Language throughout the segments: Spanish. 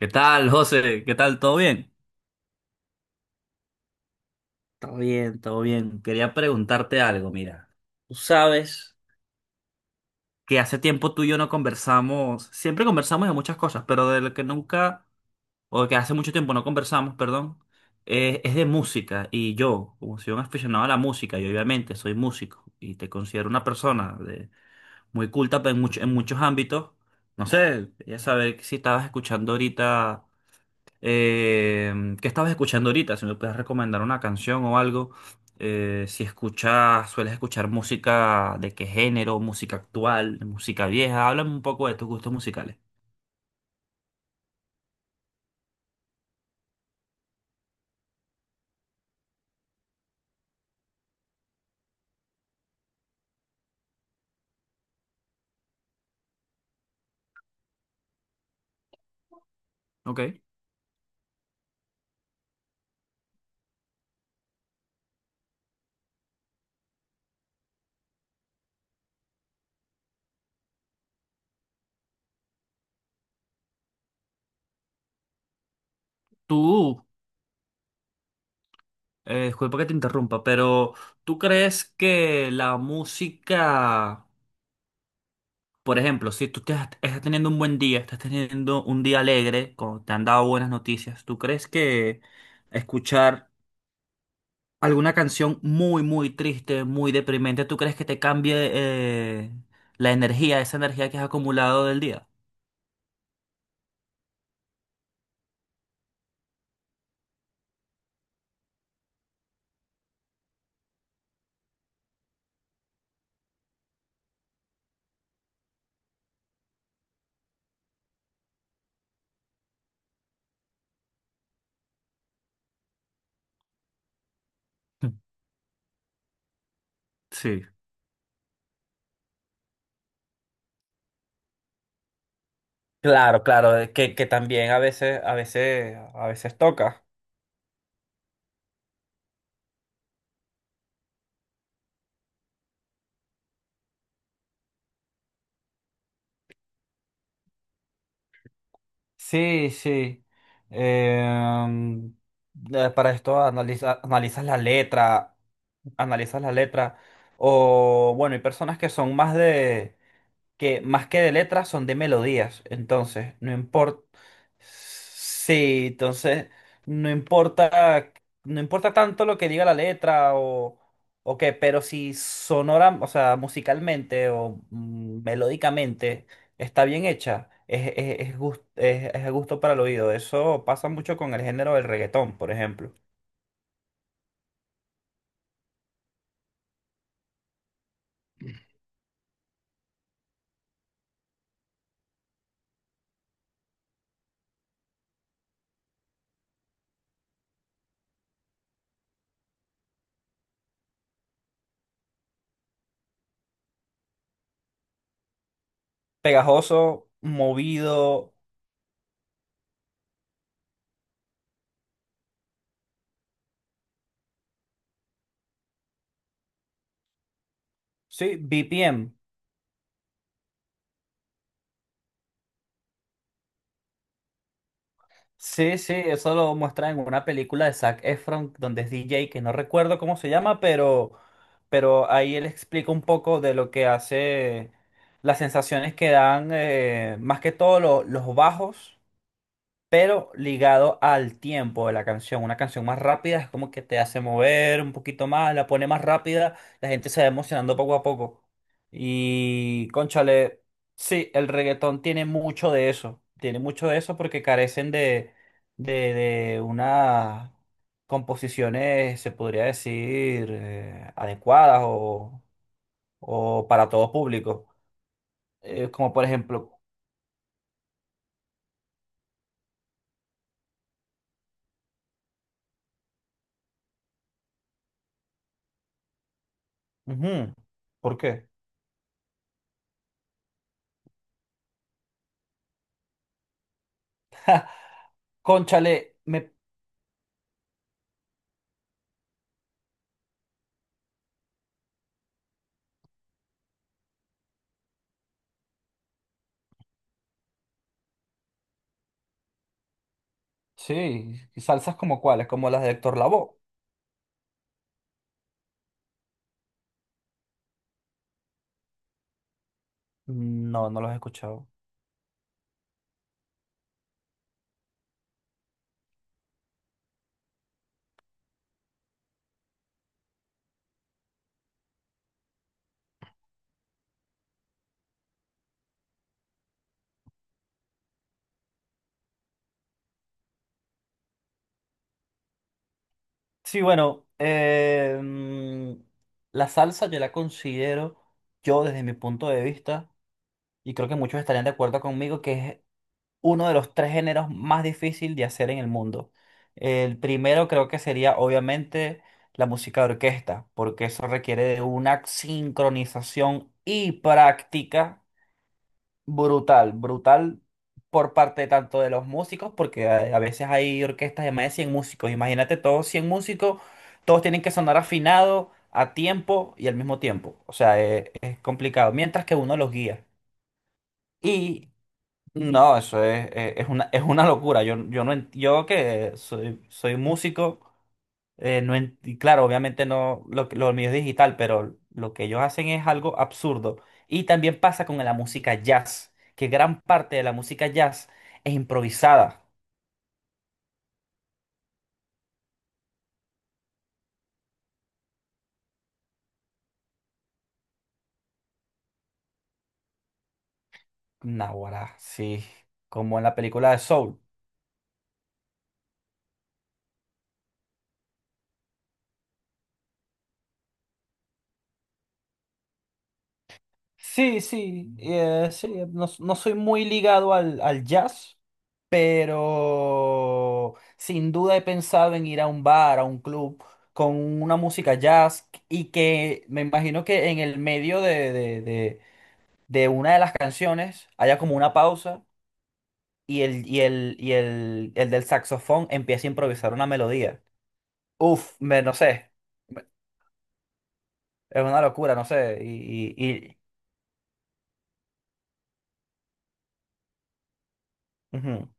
¿Qué tal, José? ¿Qué tal? ¿Todo bien? Todo bien, todo bien. Quería preguntarte algo, mira. Tú sabes que hace tiempo tú y yo no conversamos, siempre conversamos de muchas cosas, pero de lo que nunca, o que hace mucho tiempo no conversamos, perdón, es de música. Y yo, como soy un aficionado a la música, y obviamente soy músico, y te considero una persona de, muy culta pues, en muchos ámbitos, no sé, ya saber si estabas escuchando ahorita. Eh, ¿Qué estabas escuchando ahorita? Si me puedes recomendar una canción o algo. Si escuchas, sueles escuchar música de qué género, música actual, música vieja. Háblame un poco de tus gustos musicales. Ok. Tú, disculpa que te interrumpa, pero ¿tú crees que la música, por ejemplo, si tú estás teniendo un buen día, estás teniendo un día alegre, como te han dado buenas noticias, ¿tú crees que escuchar alguna canción muy, muy triste, muy deprimente, ¿tú crees que te cambie la energía, esa energía que has acumulado del día? Sí. Claro, claro, que también a veces, a veces, a veces toca. Sí, sí. Em, para esto analizas la letra, analizas la letra. O bueno, hay personas que son más de, que más que de letras son de melodías. Entonces, no importa. Sí, entonces, no importa, no importa tanto lo que diga la letra o qué, pero si sonora, o sea, musicalmente o melódicamente está bien hecha, es a gusto para el oído. Eso pasa mucho con el género del reggaetón, por ejemplo. Pegajoso, movido, sí, BPM. Sí, sí, eso lo muestra en una película de Zac Efron, donde es DJ, que no recuerdo cómo se llama, pero ahí él explica un poco de lo que hace, las sensaciones que dan, más que todo los bajos pero ligado al tiempo de la canción. Una canción más rápida es como que te hace mover un poquito más, la pone más rápida, la gente se va emocionando poco a poco. Y, cónchale, sí, el reggaetón tiene mucho de eso, tiene mucho de eso porque carecen de, de, de unas composiciones, se podría decir, adecuadas o para todo público. Como por ejemplo, ujú, ¿por qué? Cónchale, me sí, ¿y salsas como cuáles? ¿Como las de Héctor Lavoe? No, no los he escuchado. Sí, bueno, la salsa yo la considero, yo desde mi punto de vista, y creo que muchos estarían de acuerdo conmigo, que es uno de los tres géneros más difícil de hacer en el mundo. El primero creo que sería obviamente la música de orquesta, porque eso requiere de una sincronización y práctica brutal, brutal por parte tanto de los músicos, porque a veces hay orquestas de más de 100 músicos. Imagínate todos 100 músicos, todos tienen que sonar afinado, a tiempo y al mismo tiempo. O sea, es complicado, mientras que uno los guía. Y no, eso es una locura. No, yo que soy, soy músico, no y claro, obviamente no, lo mío es digital, pero lo que ellos hacen es algo absurdo. Y también pasa con la música jazz, que gran parte de la música jazz es improvisada. Naguará, sí, como en la película de Soul. Sí, sí, sí, no, no soy muy ligado al, al jazz, pero sin duda he pensado en ir a un bar, a un club con una música jazz y que me imagino que en el medio de una de las canciones haya como una pausa y el, y el, y el, el del saxofón empieza a improvisar una melodía. Uf, no sé. Es una locura, no sé. Ujú.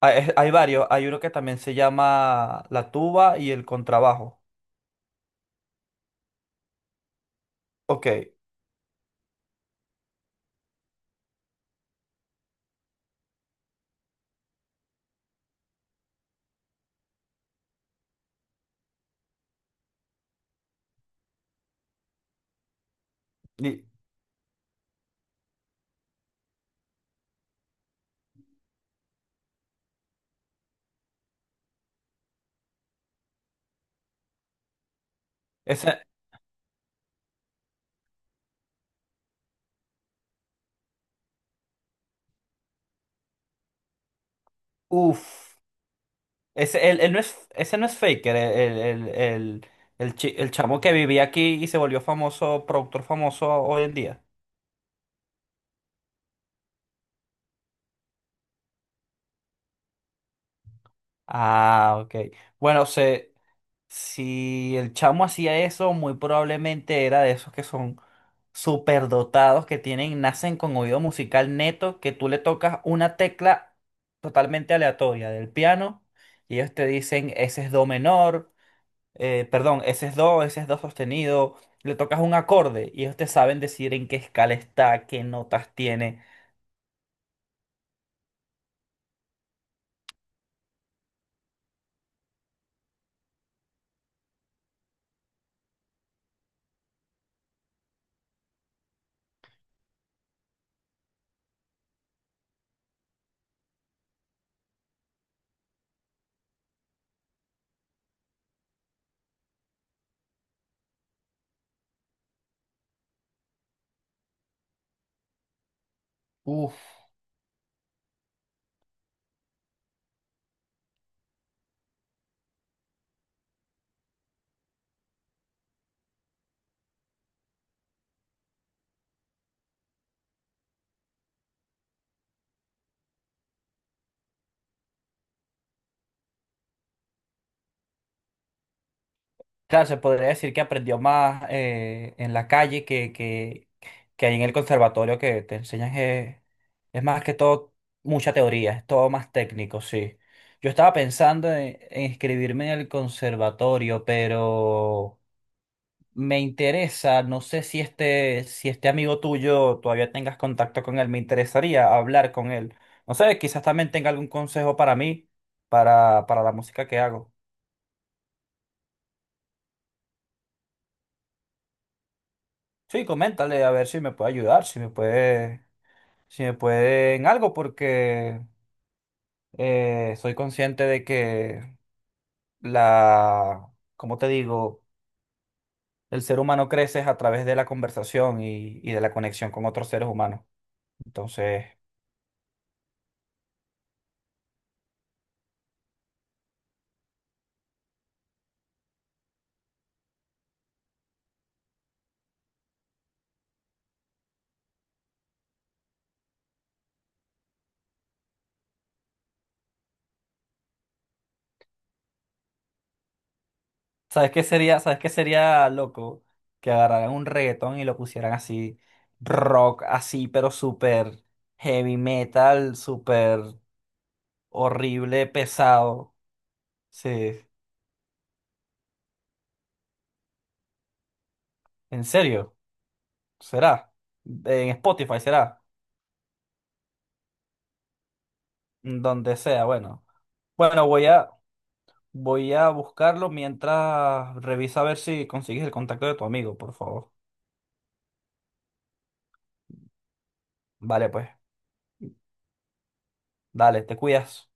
Hay, hay varios. Hay uno que también se llama la tuba y el contrabajo. Ok. Y ese, uf. Ese, él no es, ese no es Faker, el chamo que vivía aquí y se volvió famoso, productor famoso hoy en día. Ah, ok. Bueno, si el chamo hacía eso, muy probablemente era de esos que son superdotados, que tienen, nacen con oído musical neto, que tú le tocas una tecla totalmente aleatoria del piano y ellos te dicen, ese es do menor, perdón, ese es do sostenido, le tocas un acorde y ellos te saben decir en qué escala está, qué notas tiene. Uf, claro, se podría decir que aprendió más en la calle que, que ahí en el conservatorio que te enseñan es más que todo mucha teoría, es todo más técnico, sí. Yo estaba pensando en inscribirme en el conservatorio, pero me interesa, no sé si este amigo tuyo todavía tengas contacto con él, me interesaría hablar con él. No sé, quizás también tenga algún consejo para mí, para la música que hago. Sí, coméntale a ver si me puede ayudar, si me puede en algo, porque soy consciente de que la, como te digo, el ser humano crece a través de la conversación y de la conexión con otros seres humanos. Entonces, ¿sabes qué sería loco que agarraran un reggaetón y lo pusieran así, rock así, pero súper heavy metal, súper horrible, pesado? Sí, en serio. Será. En Spotify será. Donde sea, bueno. Bueno, voy a, voy a buscarlo mientras revisa a ver si consigues el contacto de tu amigo, por favor. Vale, pues. Dale, te cuidas.